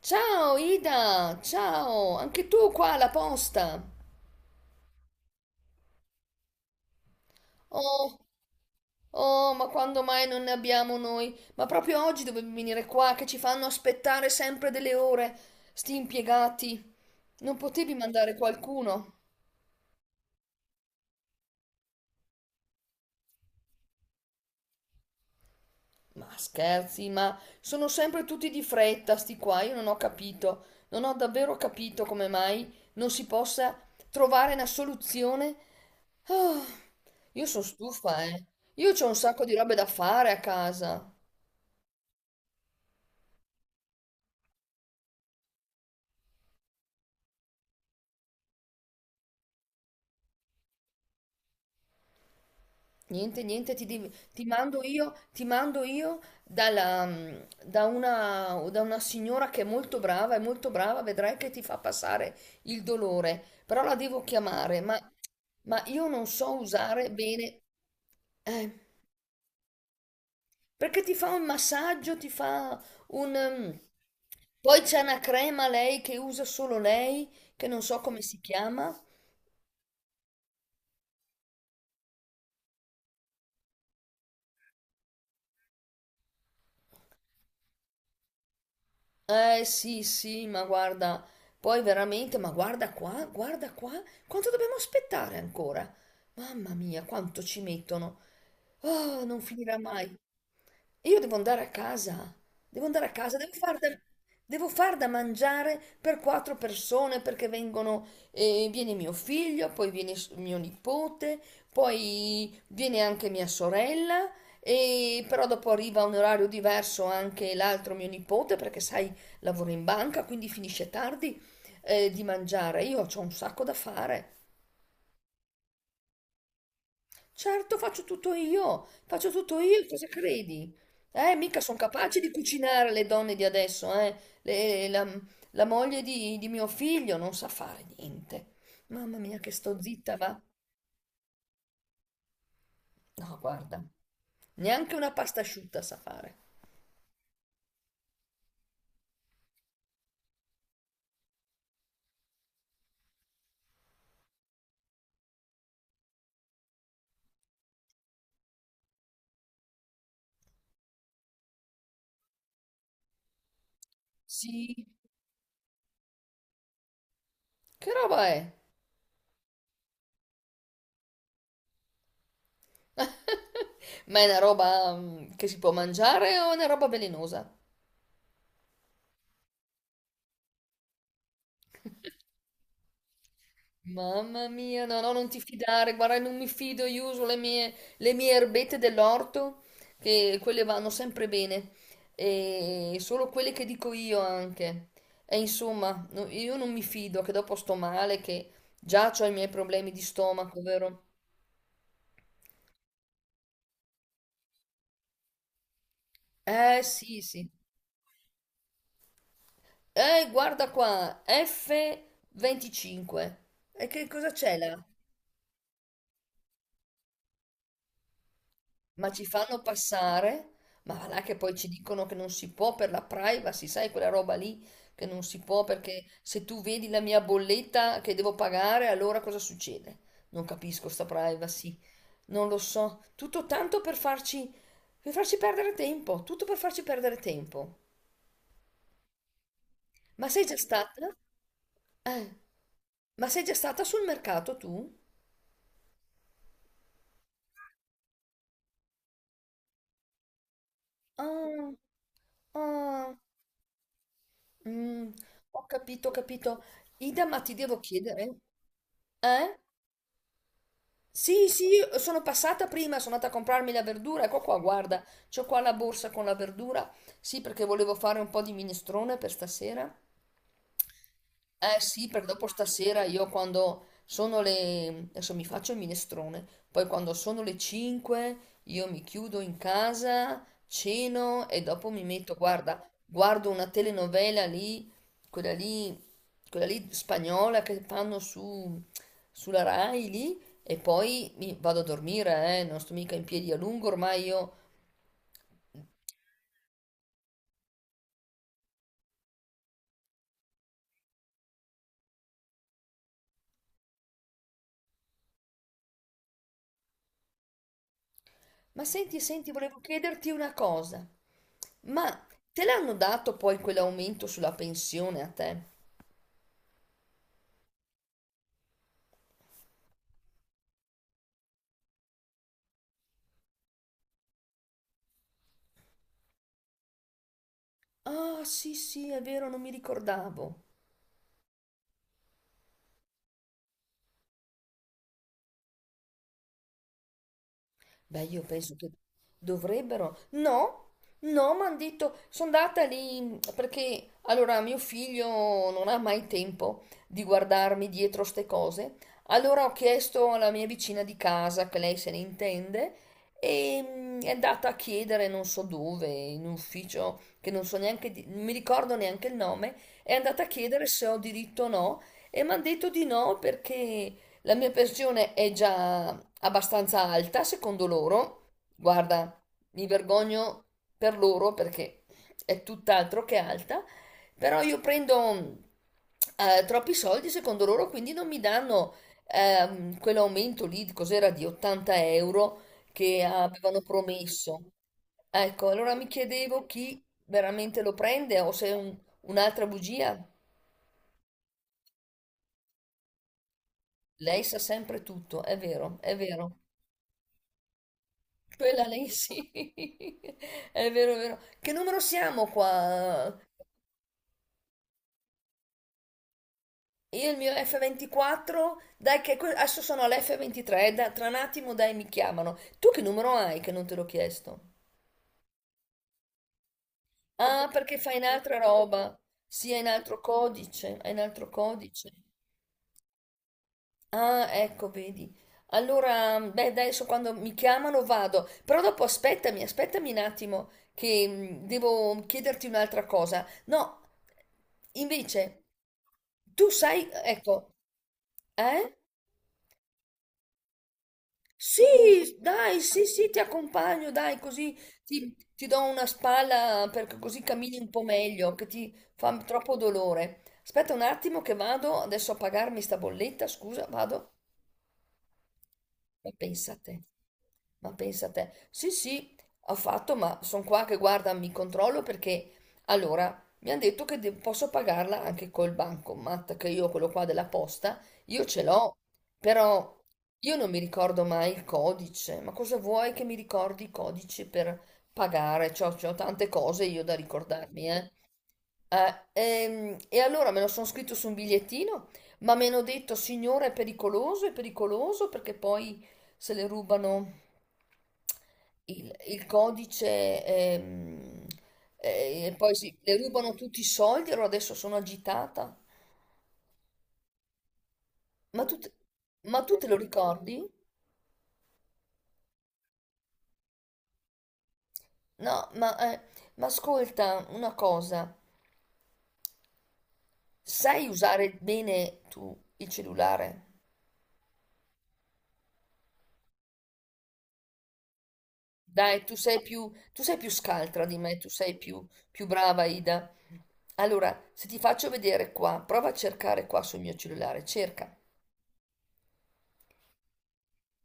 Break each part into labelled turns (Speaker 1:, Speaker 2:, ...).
Speaker 1: Ciao Ida, ciao, anche tu qua alla posta. Oh, oh, ma quando mai non ne abbiamo noi? Ma proprio oggi dovevi venire qua che ci fanno aspettare sempre delle ore, sti impiegati. Non potevi mandare qualcuno? Ma scherzi, ma sono sempre tutti di fretta, sti qua, io non ho davvero capito come mai non si possa trovare una soluzione. Ah, io sono stufa, eh. Io c'ho un sacco di robe da fare a casa. Niente, niente, ti mando io da una signora che è molto brava, vedrai che ti fa passare il dolore, però la devo chiamare, ma io non so usare bene, eh, perché ti fa un massaggio, ti fa un... mm, poi c'è una crema lei che usa solo lei, che non so come si chiama. Eh sì, sì, ma guarda, poi veramente, ma guarda qua, quanto dobbiamo aspettare ancora? Mamma mia, quanto ci mettono. Oh, non finirà mai. E io devo andare a casa, devo andare a casa, devo far da mangiare per quattro persone perché viene mio figlio, poi viene mio nipote, poi viene anche mia sorella, e però dopo arriva a un orario diverso anche l'altro mio nipote perché sai, lavora in banca, quindi finisce tardi, di mangiare. Io ho un sacco da fare. Certo, faccio tutto io, cosa credi? Mica sono capaci di cucinare le donne di adesso, eh. Le- la, la moglie di mio figlio non sa fare niente. Mamma mia, che sto zitta, va. No, guarda, neanche una pasta asciutta sa fare. Sì, che roba è? Ma è una roba che si può mangiare o è una roba velenosa? Mamma mia, no, no, non ti fidare, guarda, non mi fido, io uso le mie erbette dell'orto, che quelle vanno sempre bene, e solo quelle che dico io anche. E insomma, io non mi fido, che dopo sto male, che già ho i miei problemi di stomaco, vero? Sì, sì. Guarda qua, F25. E che cosa c'è là? Ma ci fanno passare, ma va là che poi ci dicono che non si può per la privacy, sai quella roba lì che non si può perché se tu vedi la mia bolletta che devo pagare, allora cosa succede? Non capisco sta privacy, non lo so, tutto tanto per farci perdere tempo, tutto per farci perdere tempo. Ma sei già stata? Eh, ma sei già stata sul mercato tu? Ah, ah, mm, ho capito, ho capito. Ida, ma ti devo chiedere, eh? Sì, sì, io sono passata prima, sono andata a comprarmi la verdura, ecco qua, guarda, c'ho qua la borsa con la verdura, sì, perché volevo fare un po' di minestrone per stasera. Eh sì, perché dopo stasera io quando sono le... adesso mi faccio il minestrone, poi quando sono le 5 io mi chiudo in casa, ceno e dopo guarda, guardo una telenovela lì, quella lì, quella lì spagnola che fanno sulla Rai lì e poi mi vado a dormire, non sto mica in piedi a lungo ormai io. Ma senti, senti, volevo chiederti una cosa, ma te l'hanno dato poi quell'aumento sulla pensione a te? Ah, sì, sì, è vero, non mi ricordavo. Beh, io penso che dovrebbero. No, no, mi hanno detto, sono andata lì perché allora mio figlio non ha mai tempo di guardarmi dietro ste cose. Allora ho chiesto alla mia vicina di casa, che lei se ne intende, e è andata a chiedere non so dove, in un ufficio che non so neanche, non mi ricordo neanche il nome, è andata a chiedere se ho diritto o no, e mi hanno detto di no perché. La mia pensione è già abbastanza alta, secondo loro. Guarda, mi vergogno per loro perché è tutt'altro che alta, però io prendo troppi soldi, secondo loro, quindi non mi danno quell'aumento lì, cos'era, di 80 euro che avevano promesso. Ecco, allora mi chiedevo chi veramente lo prende o se è un'altra bugia. Lei sa sempre tutto, è vero, è vero. Quella lei sì, è vero, è vero. Che numero siamo qua? Io il mio F24, dai che adesso sono all'F23, tra un attimo dai mi chiamano. Tu che numero hai che non te l'ho chiesto? Ah, perché fai in altra roba. Sì, è in altro codice, è in altro codice. Ah, ecco, vedi. Allora, beh, adesso quando mi chiamano vado, però dopo aspettami, aspettami un attimo che devo chiederti un'altra cosa. No, invece, tu sai, ecco, eh? Sì, dai, sì, sì, ti accompagno, dai, così ti do una spalla perché così cammini un po' meglio, che ti fa troppo dolore. Aspetta un attimo che vado adesso a pagarmi sta bolletta, scusa, vado. Ma pensate, ma pensate, sì, sì, ho fatto, ma sono qua che guarda, mi controllo perché allora mi hanno detto che posso pagarla anche col bancomat, che io quello qua della posta, io ce l'ho, però io non mi ricordo mai il codice. Ma cosa vuoi che mi ricordi i codici per pagare? C'ho tante cose io da ricordarmi, eh. E allora me lo sono scritto su un bigliettino, ma mi hanno detto, signore, è pericoloso perché poi se le rubano il codice e poi le rubano tutti i soldi, allora adesso sono agitata. Ma tu, te- ma tu te lo ricordi? No, ma ascolta una cosa, sai usare bene tu il cellulare? Dai, tu sei più scaltra di me, tu sei più, più brava, Ida. Allora, se ti faccio vedere qua, prova a cercare qua sul mio cellulare. cerca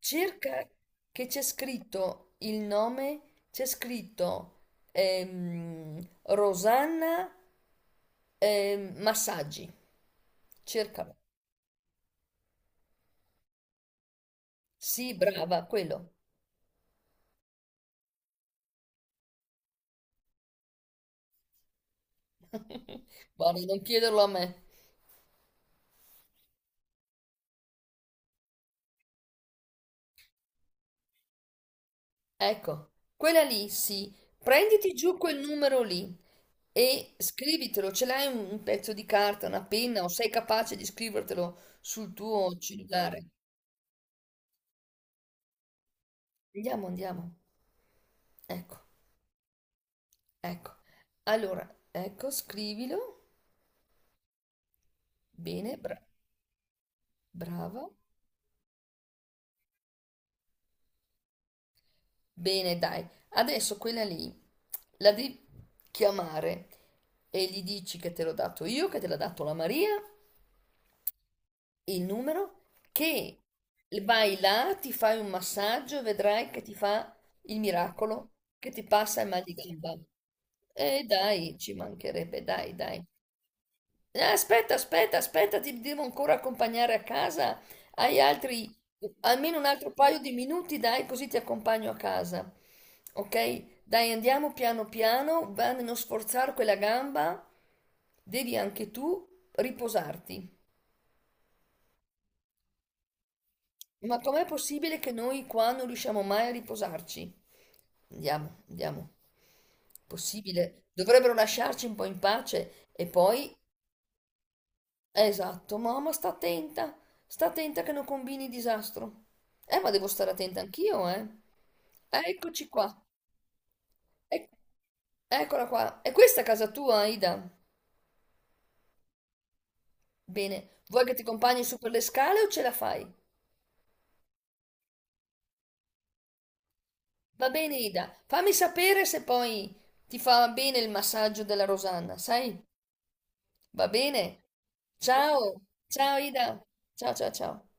Speaker 1: Cerca che c'è scritto il nome, c'è scritto Rosanna Massaggi. Cercalo. Sì, brava, quello. Guarda, non chiederlo a me. Ecco, quella lì, sì. Prenditi giù quel numero lì e scrivitelo. Ce l'hai un pezzo di carta, una penna o sei capace di scrivertelo sul tuo cellulare? Andiamo, andiamo. Ecco. Ecco, allora, ecco, scrivilo. Bene, brava. Bene, dai. Adesso quella lì la devi chiamare e gli dici che te l'ho dato io, che te l'ha dato la Maria, il numero, che vai là, ti fai un massaggio e vedrai che ti fa il miracolo, che ti passa il mal di gamba. E dai, ci mancherebbe, dai, dai. Aspetta, aspetta, aspetta, ti devo ancora accompagnare a casa. Hai altri, Almeno un altro paio di minuti, dai, così ti accompagno a casa. Ok? Dai, andiamo piano piano, va a non sforzare quella gamba, devi anche tu riposarti. Ma com'è possibile che noi qua non riusciamo mai a riposarci? Andiamo, andiamo. Possibile. Dovrebbero lasciarci un po' in pace e poi. Esatto, mamma, sta attenta che non combini disastro. Ma devo stare attenta anch'io, eh. Eccoci qua, Ec- eccola qua. E questa è casa tua, Ida? Bene, vuoi che ti accompagni su per le scale o ce la fai? Va bene, Ida, fammi sapere se poi ti fa bene il massaggio della Rosanna, sai? Va bene? Ciao, ciao Ida, ciao ciao ciao.